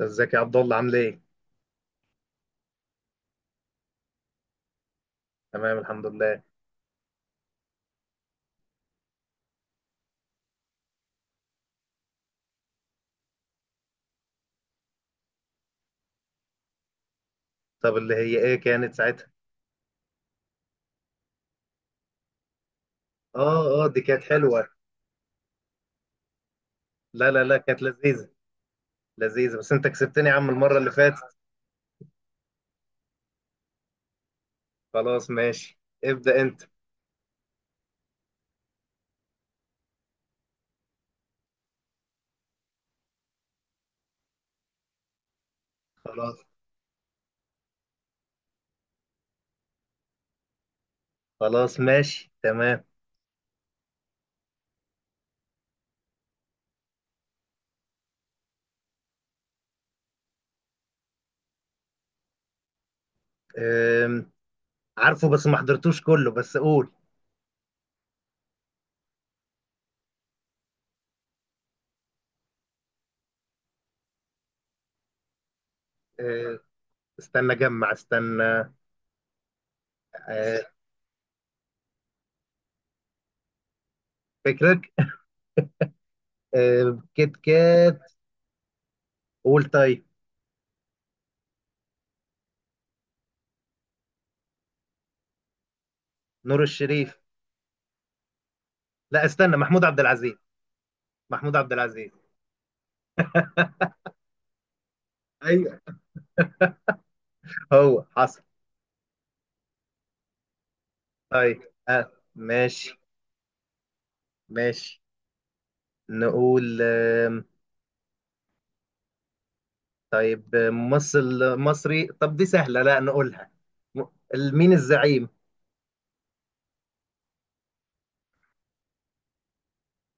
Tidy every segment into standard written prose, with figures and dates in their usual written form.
ازيك يا عبد الله، عامل ايه؟ تمام، الحمد لله. طب اللي هي ايه كانت ساعتها؟ اه اه، دي كانت حلوة. لا لا لا، كانت لذيذة. لذيذة، بس انت كسبتني يا عم المرة اللي فاتت. خلاص ماشي، ابدأ انت. خلاص خلاص، ماشي تمام. أم. عارفه بس ما حضرتوش كله، بس قول. أه، استنى جمع استنى. أه، فكرك. كيت كات. قول طيب. نور الشريف. لا استنى، محمود عبد العزيز. محمود عبد العزيز. ايوه، هو حصل. طيب. آه. ماشي ماشي. نقول طيب ممثل مصري. طب دي سهلة، لا نقولها. م- مين الزعيم؟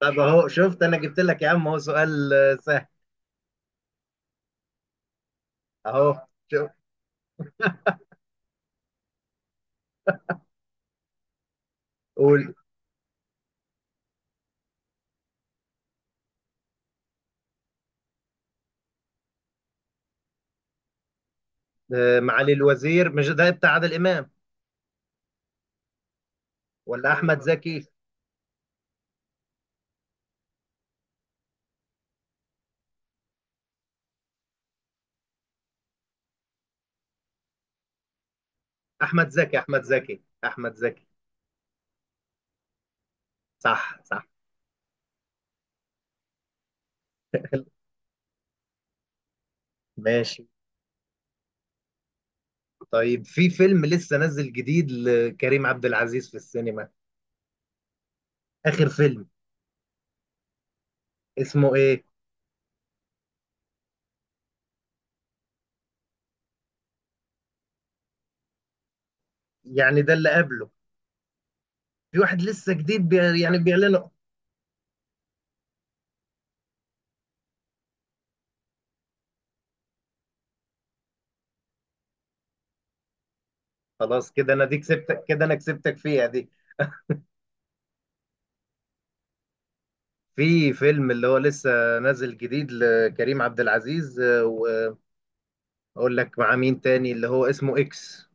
طب اهو شفت، انا جبت لك يا عم اهو سؤال سهل. اهو شوف. قول. معالي الوزير، مش ده بتاع عادل امام؟ ولا احمد زكي. احمد زكي احمد زكي احمد زكي. صح صح. ماشي. طيب، في فيلم لسه نزل جديد لكريم عبد العزيز في السينما، اخر فيلم. اسمه ايه؟ يعني ده اللي قبله، في واحد لسه جديد يعني بيعلنه. خلاص كده، انا دي كسبتك، كده انا كسبتك فيها دي. في فيلم اللي هو لسه نازل جديد لكريم عبد العزيز، واقول لك مع مين تاني، اللي هو اسمه اكس،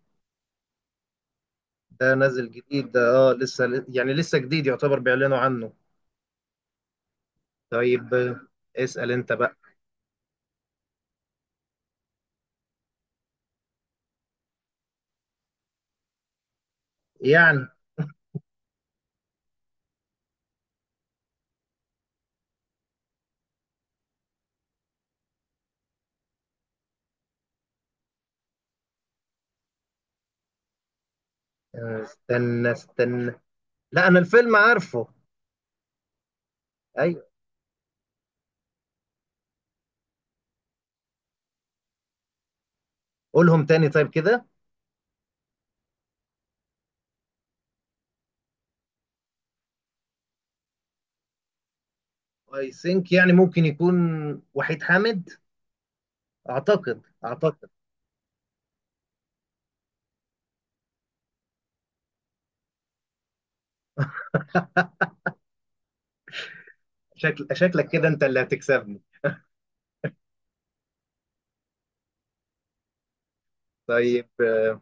ده نازل جديد ده. اه لسه يعني، لسه جديد يعتبر، بيعلنوا عنه. طيب. اسأل انت بقى. يعني. استنى استنى. لا، انا الفيلم عارفه. ايوه، قولهم تاني طيب كده. اي ثينك، يعني ممكن يكون وحيد حامد. اعتقد اعتقد. شكلك كده، انت اللي هتكسبني. طيب.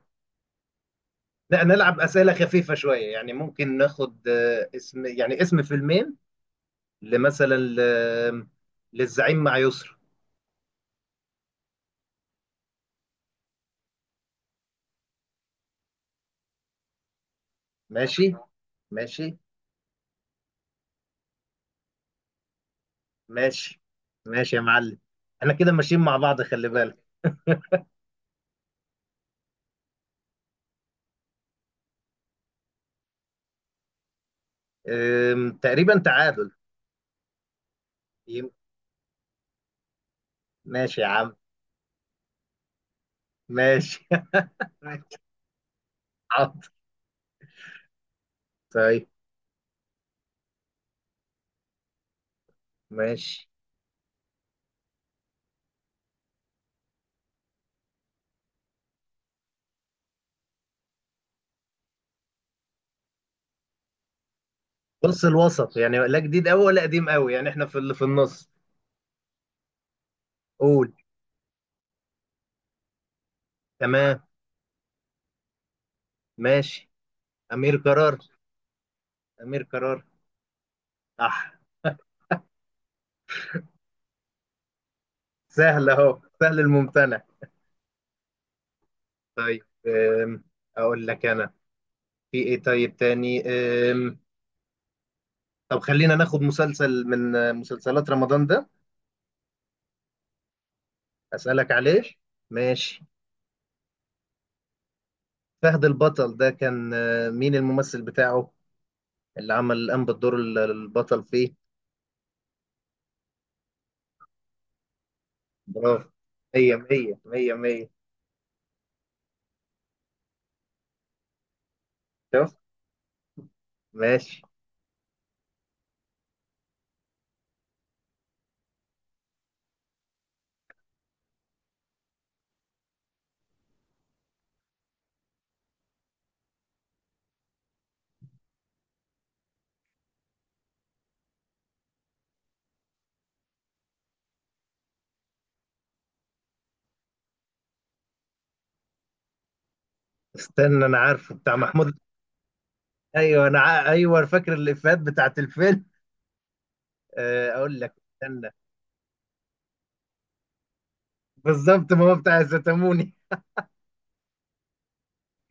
لا نلعب اسئله خفيفه شويه، يعني ممكن ناخد اسم، يعني اسم فيلمين، لمثلا للزعيم مع يسرا. ماشي ماشي ماشي ماشي يا معلم. احنا كده ماشيين مع بعض، خلي بالك. تقريبا تعادل. يم- ماشي يا عم. ماشي ماشي، حاضر. طيب. ماشي. نص الوسط يعني، لا جديد قوي ولا قديم قوي، يعني احنا في اللي في النص. قول. تمام. ماشي. امير قرار. أمير قرار. صح. سهل، أهو سهل الممتنع. طيب. أقول لك أنا. في إيه طيب تاني؟ أم، طب خلينا ناخد مسلسل من مسلسلات رمضان ده، أسألك عليه. ماشي. فهد البطل ده، كان مين الممثل بتاعه، اللي عمل الآن بالدور البطل فيه؟ برافو. مية مية مية مية. شوف. ماشي. استنى، أنا عارفه بتاع محمود. أيوه فاكر الإفيهات بتاعت الفيلم. أقول لك استنى. بالظبط، ما هو بتاع الزيتاموني.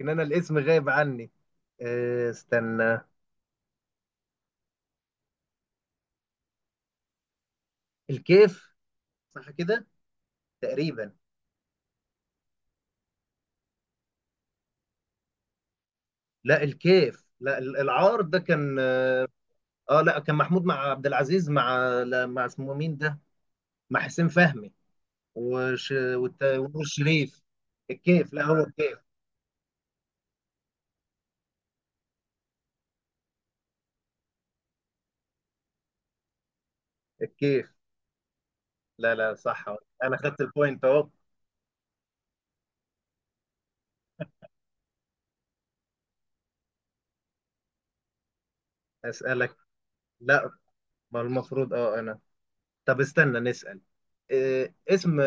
ان انا الاسم غايب عني. استنى. الكيف. صح كده، تقريبا. لا الكيف، لا العار، ده كان. اه لا، كان محمود مع عبد العزيز، مع، لا، مع اسمه مين ده، مع حسين فهمي ونور الشريف. الكيف. لا هو الكيف. الكيف. لا لا، صح. انا خدت البوينت اهو. اسالك. لا، ما المفروض اه انا. طب استنى نسال. اسم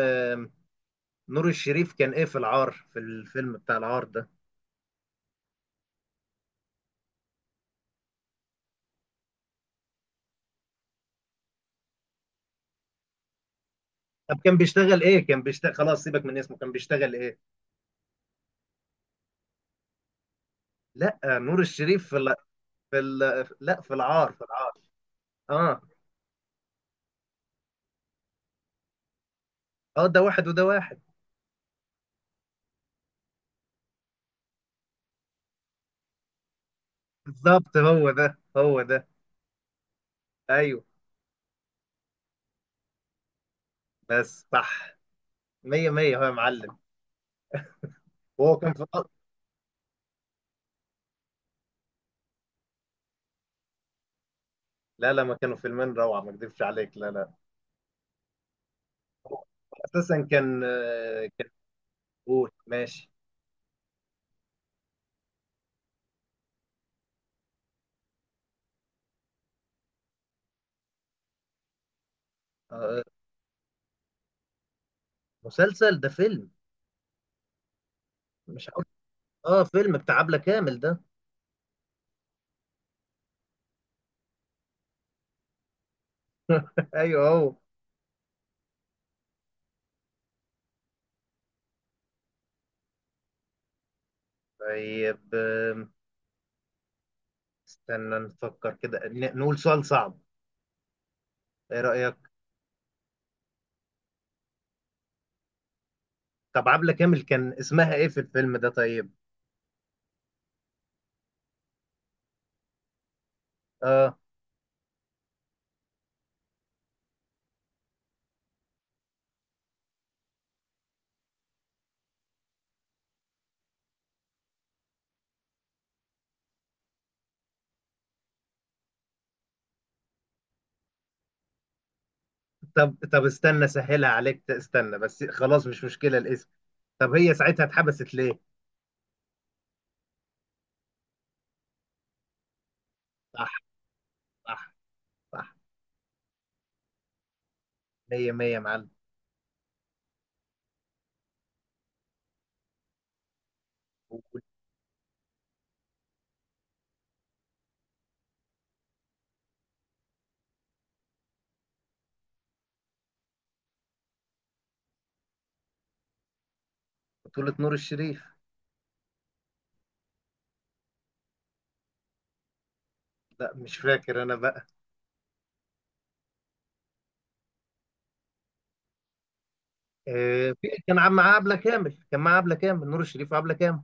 نور الشريف كان ايه في العار، في الفيلم بتاع العار ده؟ طب كان بيشتغل ايه؟ كان بيشتغل، خلاص سيبك من اسمه، كان بيشتغل ايه؟ لا، نور الشريف في في لا في العار، في العار. اه اه، ده واحد وده واحد. بالظبط، هو ده هو ده. ايوه. بس صح. مية مية هو يا معلم. وهو كان في الأرض. لا لا، ما كانوا فيلمين روعة، ما اكذبش عليك، لا لا. هو اساسا كان قول ماشي. آه، مسلسل ده فيلم. مش عارف. اه، فيلم بتاع عبلة كامل ده. ايوه هو. طيب. استنى نفكر كده، نقول سؤال صعب. ايه رأيك؟ طب عبلة كامل كان اسمها ايه في الفيلم ده، طيب؟ اه. طب استنى سهلها عليك، استنى بس، خلاص مش مشكلة الاسم. طب هي ساعتها اتحبست ليه؟ صح صح صح. مية مية يا معلم. بطولة نور الشريف. لا، مش فاكر انا بقى. في، كان مع عبلة كامل، كان مع عبلة كامل، نور الشريف وعبلة كامل.